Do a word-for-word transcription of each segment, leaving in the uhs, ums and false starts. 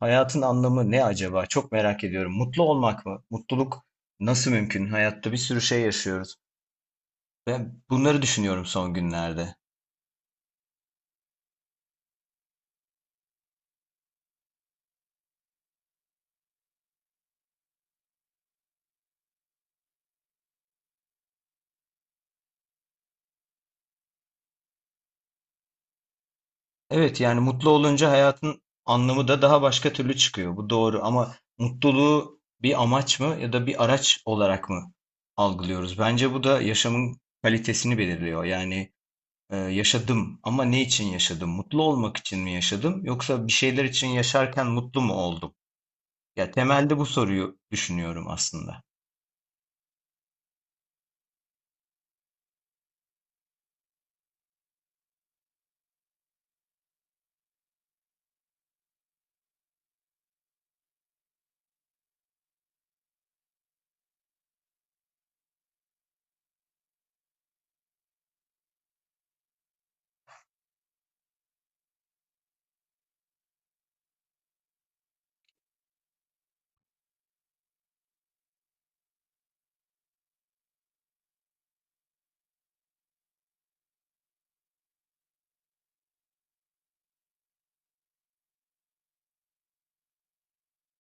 Hayatın anlamı ne acaba? Çok merak ediyorum. Mutlu olmak mı? Mutluluk nasıl mümkün? Hayatta bir sürü şey yaşıyoruz. Ben bunları düşünüyorum son günlerde. Evet, yani mutlu olunca hayatın anlamı da daha başka türlü çıkıyor. Bu doğru ama mutluluğu bir amaç mı ya da bir araç olarak mı algılıyoruz? Bence bu da yaşamın kalitesini belirliyor. Yani e, yaşadım ama ne için yaşadım? Mutlu olmak için mi yaşadım yoksa bir şeyler için yaşarken mutlu mu oldum? Ya temelde bu soruyu düşünüyorum aslında.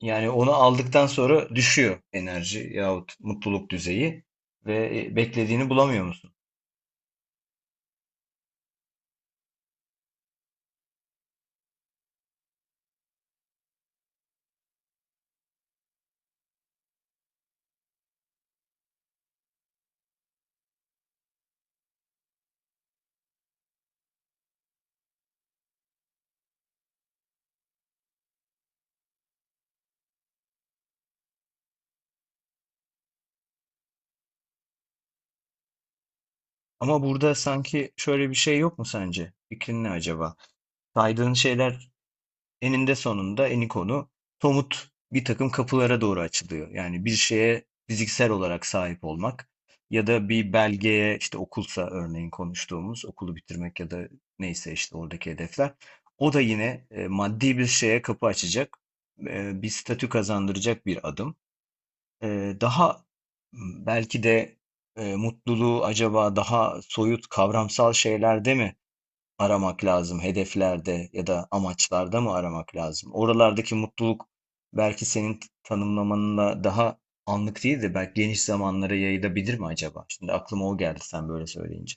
Yani onu aldıktan sonra düşüyor enerji yahut mutluluk düzeyi ve e, beklediğini bulamıyor musun? Ama burada sanki şöyle bir şey yok mu sence? Fikrin ne acaba? Saydığın şeyler eninde sonunda eni Eniko'nu somut bir takım kapılara doğru açılıyor. Yani bir şeye fiziksel olarak sahip olmak ya da bir belgeye işte okulsa örneğin konuştuğumuz okulu bitirmek ya da neyse işte oradaki hedefler. O da yine e, maddi bir şeye kapı açacak, e, bir statü kazandıracak bir adım. E, daha m, belki de e, Mutluluğu acaba daha soyut kavramsal şeylerde mi aramak lazım? Hedeflerde ya da amaçlarda mı aramak lazım? Oralardaki mutluluk belki senin t- tanımlamanla daha anlık değil de belki geniş zamanlara yayılabilir mi acaba? Şimdi aklıma o geldi sen böyle söyleyince.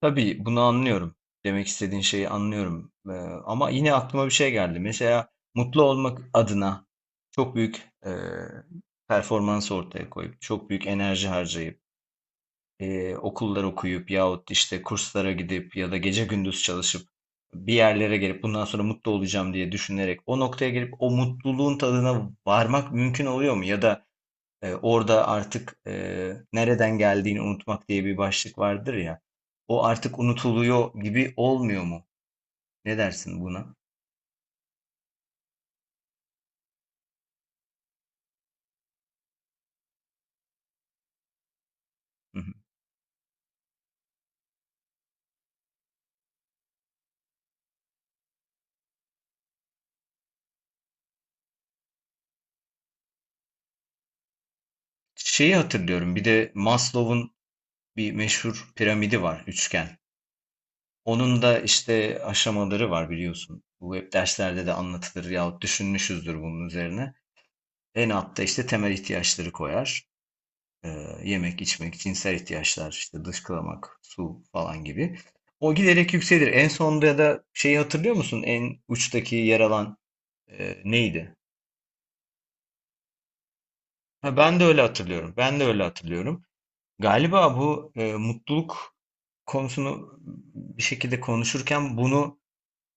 Tabii bunu anlıyorum. Demek istediğin şeyi anlıyorum. Ee, ama yine aklıma bir şey geldi. Mesela mutlu olmak adına çok büyük e, performans ortaya koyup, çok büyük enerji harcayıp, e, okullar okuyup yahut işte kurslara gidip ya da gece gündüz çalışıp bir yerlere gelip bundan sonra mutlu olacağım diye düşünerek o noktaya gelip o mutluluğun tadına varmak mümkün oluyor mu? Ya da e, orada artık e, nereden geldiğini unutmak diye bir başlık vardır ya. O artık unutuluyor gibi olmuyor mu? Ne dersin buna? Hı hı. Şeyi hatırlıyorum. Bir de Maslow'un bir meşhur piramidi var, üçgen. Onun da işte aşamaları var biliyorsun. Bu hep derslerde de anlatılır yahut düşünmüşüzdür bunun üzerine. En altta işte temel ihtiyaçları koyar. Ee, yemek, içmek, cinsel ihtiyaçlar, işte dışkılamak, su falan gibi. O giderek yükselir. En sonda da şeyi hatırlıyor musun? En uçtaki yer alan e, neydi? Ha, ben de öyle hatırlıyorum. Ben de öyle hatırlıyorum. Galiba bu e, mutluluk konusunu bir şekilde konuşurken bunu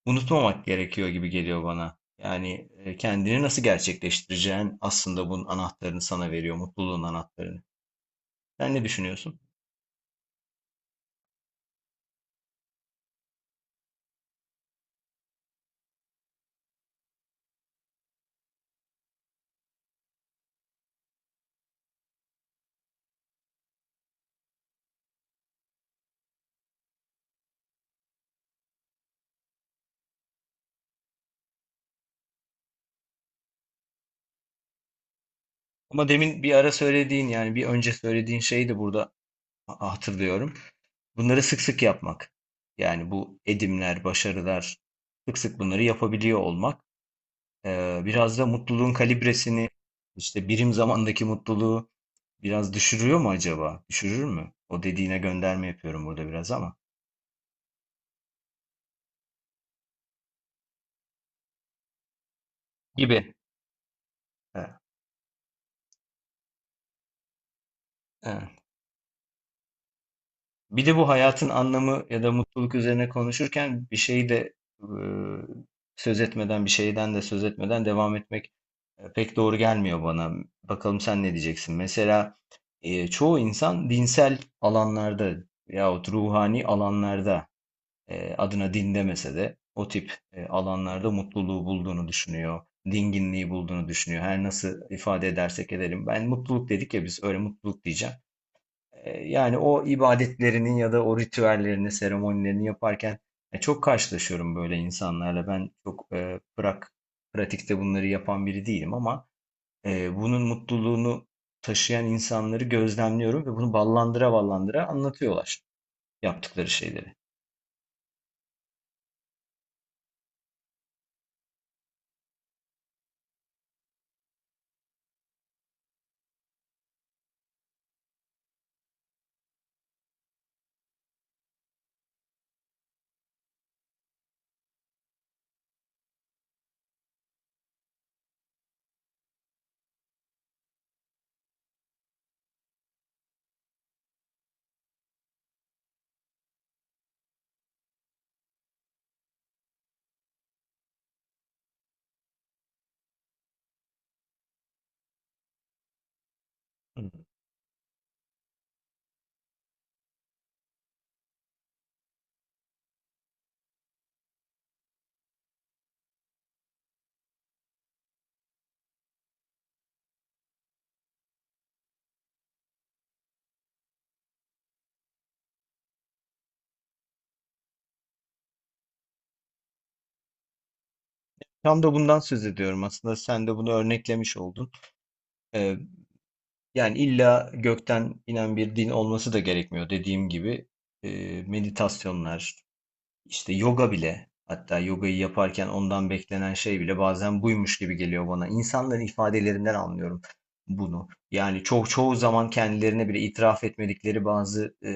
unutmamak gerekiyor gibi geliyor bana. Yani e, kendini nasıl gerçekleştireceğin aslında bunun anahtarını sana veriyor, mutluluğun anahtarını. Sen ne düşünüyorsun? Ama demin bir ara söylediğin yani bir önce söylediğin şeyi de burada ha- hatırlıyorum. Bunları sık sık yapmak. Yani bu edimler, başarılar sık sık bunları yapabiliyor olmak. E, biraz da mutluluğun kalibresini işte birim zamandaki mutluluğu biraz düşürüyor mu acaba? Düşürür mü? O dediğine gönderme yapıyorum burada biraz ama. Gibi. Evet. Bir de bu hayatın anlamı ya da mutluluk üzerine konuşurken bir şeyi de e, söz etmeden, bir şeyden de söz etmeden devam etmek e, pek doğru gelmiyor bana. Bakalım sen ne diyeceksin? Mesela e, çoğu insan dinsel alanlarda yahut ruhani alanlarda e, adına din demese de o tip e, alanlarda mutluluğu bulduğunu düşünüyor. Dinginliği bulduğunu düşünüyor. Her nasıl ifade edersek edelim. Ben mutluluk dedik ya biz, öyle mutluluk diyeceğim. E, Yani o ibadetlerinin ya da o ritüellerini, seremonilerini yaparken e, çok karşılaşıyorum böyle insanlarla. Ben çok e, bırak pratikte bunları yapan biri değilim ama e, bunun mutluluğunu taşıyan insanları gözlemliyorum ve bunu ballandıra ballandıra anlatıyorlar yaptıkları şeyleri. Hı. Tam da bundan söz ediyorum aslında. Sen de bunu örneklemiş oldun. E, Yani illa gökten inen bir din olması da gerekmiyor dediğim gibi. E, meditasyonlar, İşte yoga bile, hatta yogayı yaparken ondan beklenen şey bile bazen buymuş gibi geliyor bana. İnsanların ifadelerinden anlıyorum bunu. Yani çok çoğu zaman kendilerine bile itiraf etmedikleri bazı e,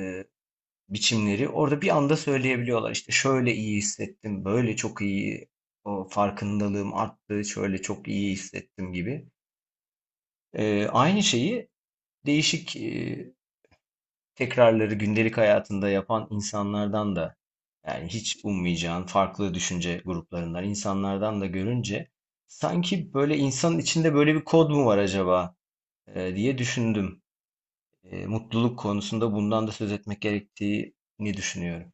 biçimleri orada bir anda söyleyebiliyorlar. İşte şöyle iyi hissettim, böyle çok iyi o farkındalığım arttı, şöyle çok iyi hissettim gibi. E, aynı şeyi değişik e, tekrarları gündelik hayatında yapan insanlardan da, yani hiç ummayacağın farklı düşünce gruplarından insanlardan da görünce sanki böyle insanın içinde böyle bir kod mu var acaba e, diye düşündüm. E, mutluluk konusunda bundan da söz etmek gerektiğini düşünüyorum.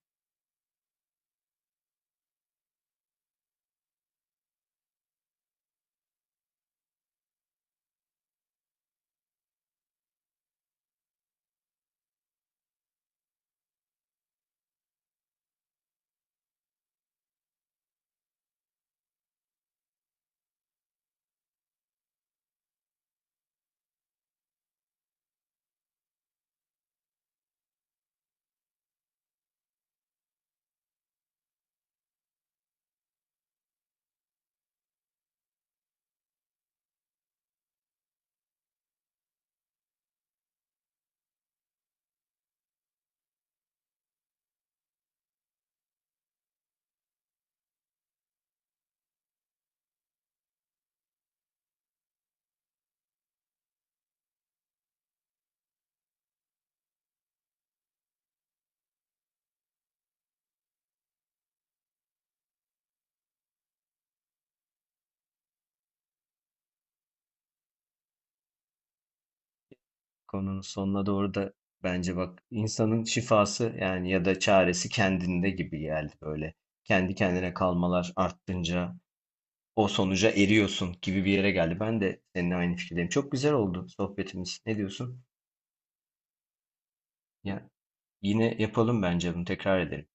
Konunun sonuna doğru da bence bak insanın şifası yani ya da çaresi kendinde gibi geldi böyle. Kendi kendine kalmalar arttınca o sonuca eriyorsun gibi bir yere geldi. Ben de seninle aynı fikirdeyim. Çok güzel oldu sohbetimiz. Ne diyorsun? Ya yine yapalım, bence bunu tekrar edelim.